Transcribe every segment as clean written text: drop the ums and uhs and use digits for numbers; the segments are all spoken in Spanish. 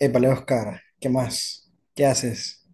Épale, Oscar, ¿qué más? ¿Qué haces?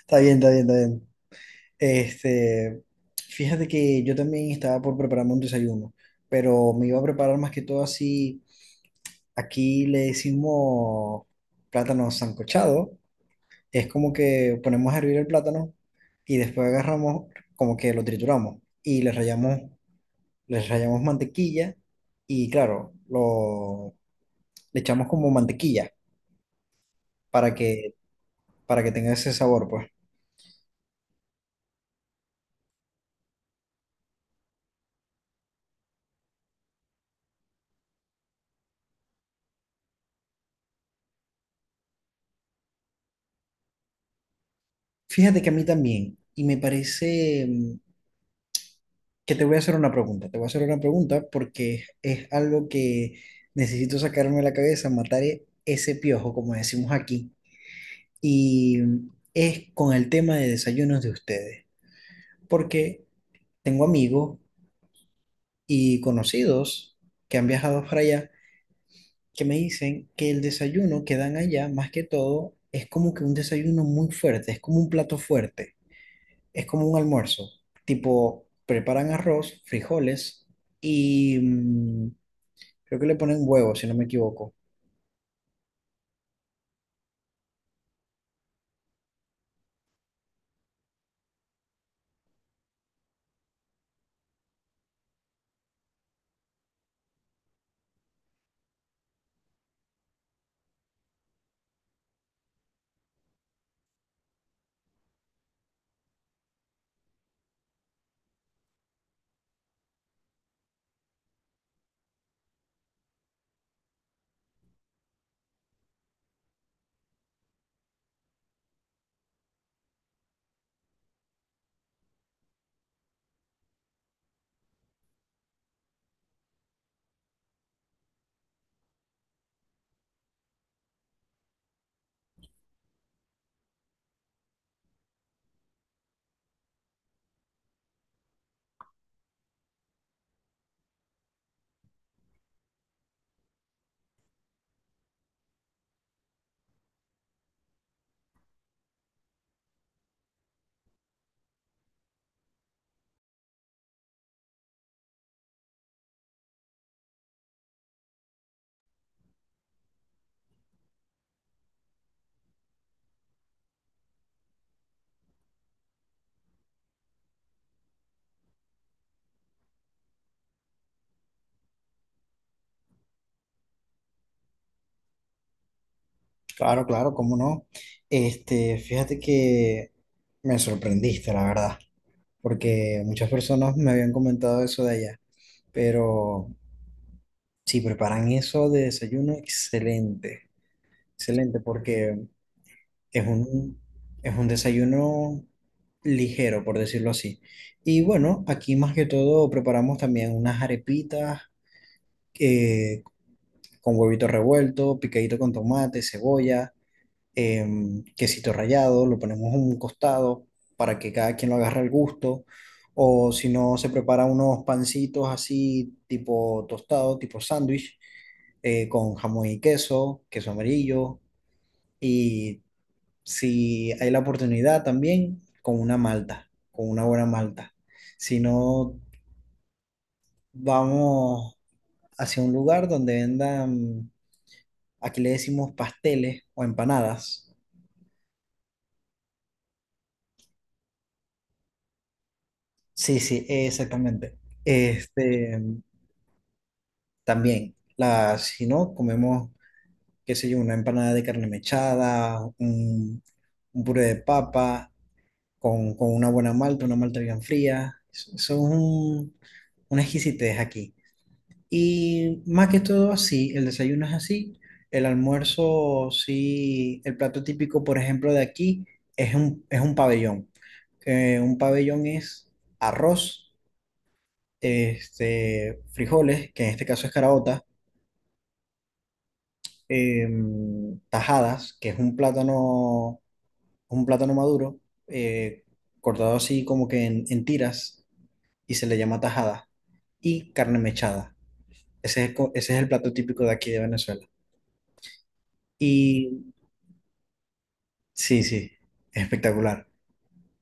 Está bien, está bien, está bien. Este, fíjate que yo también estaba por prepararme un desayuno, pero me iba a preparar más que todo así. Aquí le decimos plátano sancochado. Es como que ponemos a hervir el plátano y después agarramos, como que lo trituramos y le rallamos mantequilla y claro, le echamos como mantequilla para que, para que tenga ese sabor, pues. Fíjate que a mí también, y me parece que te voy a hacer una pregunta, te voy a hacer una pregunta porque es algo que necesito sacarme de la cabeza, matar ese piojo, como decimos aquí, y es con el tema de desayunos de ustedes, porque tengo amigos y conocidos que han viajado para allá, que me dicen que el desayuno que dan allá, más que todo, es como que un desayuno muy fuerte, es como un plato fuerte, es como un almuerzo. Tipo, preparan arroz, frijoles y, creo que le ponen huevo, si no me equivoco. Claro, claro, cómo no. Fíjate que me sorprendiste, la verdad, porque muchas personas me habían comentado eso de allá, pero si preparan eso de desayuno, excelente, excelente. Porque es un, es un desayuno ligero, por decirlo así. Y bueno, aquí más que todo preparamos también unas arepitas, eh, con huevito revuelto, picadito con tomate, cebolla, quesito rallado, lo ponemos en un costado para que cada quien lo agarre al gusto. O si no, se prepara unos pancitos así, tipo tostado, tipo sándwich, con jamón y queso, queso amarillo. Y si hay la oportunidad también, con una malta, con una buena malta. Si no, vamos hacia un lugar donde vendan, aquí le decimos pasteles o empanadas. Sí, sí, exactamente. Este, también, si no, comemos, qué sé yo, una empanada de carne mechada, un puré de papa, con una buena malta, una malta bien fría. Son una exquisitez aquí. Y más que todo así, el desayuno es así. El almuerzo sí, el plato típico, por ejemplo, de aquí es es un pabellón. Un pabellón es arroz, este, frijoles, que en este caso es caraota, tajadas, que es un plátano maduro, eh, cortado así como que en tiras y se le llama tajada, y carne mechada. Ese es, ese es el plato típico de aquí de Venezuela. Y sí, sí, espectacular.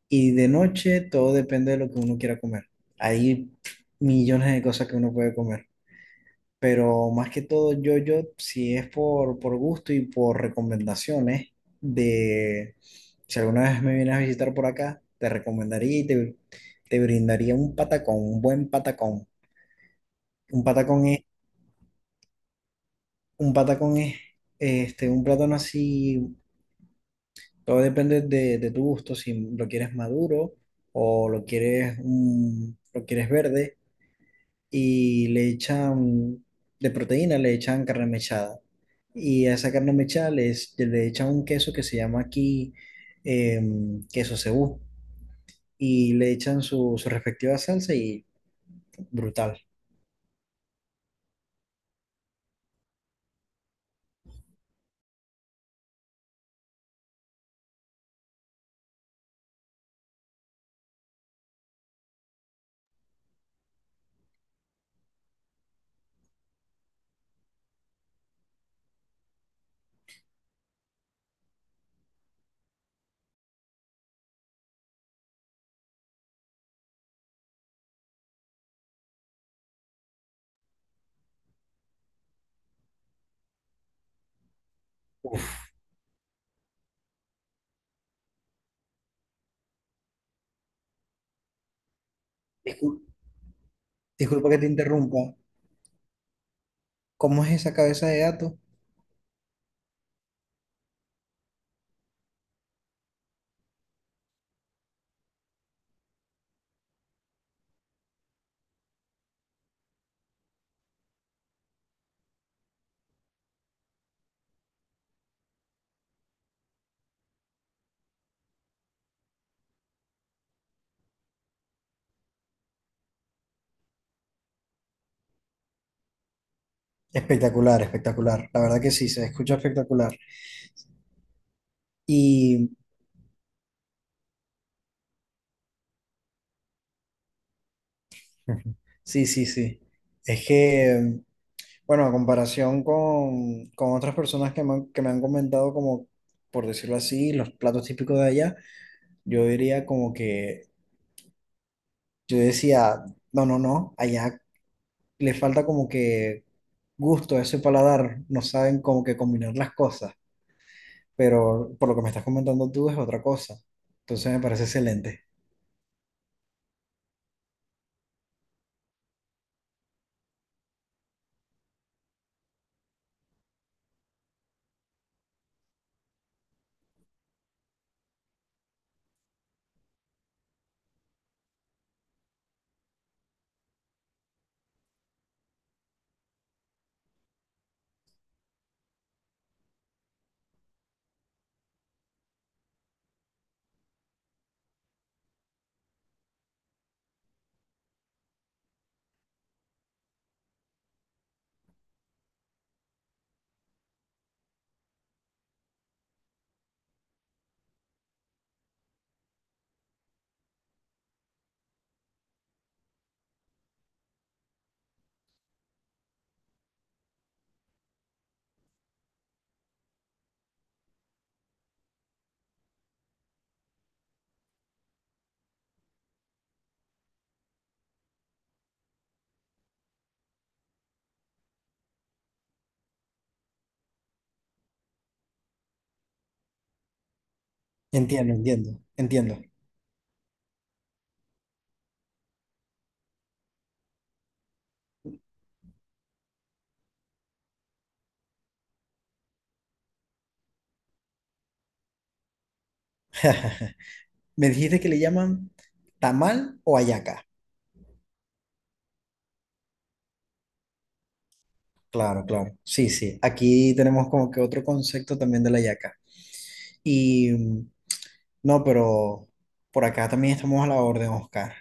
Y de noche todo depende de lo que uno quiera comer. Hay millones de cosas que uno puede comer, pero más que todo yo, si es por gusto y por recomendaciones de, si alguna vez me vienes a visitar por acá, te recomendaría te brindaría un patacón, un buen patacón. Un patacón es, un patacón es un plátano así. Todo depende de tu gusto, si lo quieres maduro o lo quieres, lo quieres verde y le echan de proteína, le echan carne mechada. Y a esa carne mechada le echan un queso que se llama aquí, queso cebú, y le echan su respectiva salsa y brutal. Uf, discul- disculpa que te interrumpa. ¿Cómo es esa cabeza de gato? Espectacular, espectacular. La verdad que sí, se escucha espectacular. Y ujú, sí, sí, sí. Es que, bueno, a comparación con otras personas que que me han comentado como, por decirlo así, los platos típicos de allá, yo diría como que, yo decía, no, no, no, allá le falta como que gusto a ese paladar, no saben como que combinar las cosas, pero por lo que me estás comentando tú es otra cosa. Entonces me parece excelente. Entiendo, entiendo, entiendo. Me dijiste que le llaman tamal o hallaca. Claro, claro. Sí, sí. Aquí tenemos como que otro concepto también de la yaca. Y no, pero por acá también estamos a la orden, Oscar.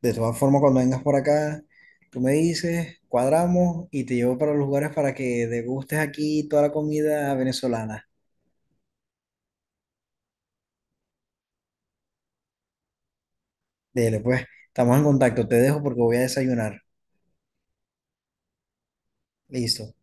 De todas formas, cuando vengas por acá, tú me dices, cuadramos y te llevo para los lugares para que degustes aquí toda la comida venezolana. Dele, pues, estamos en contacto. Te dejo porque voy a desayunar. Listo.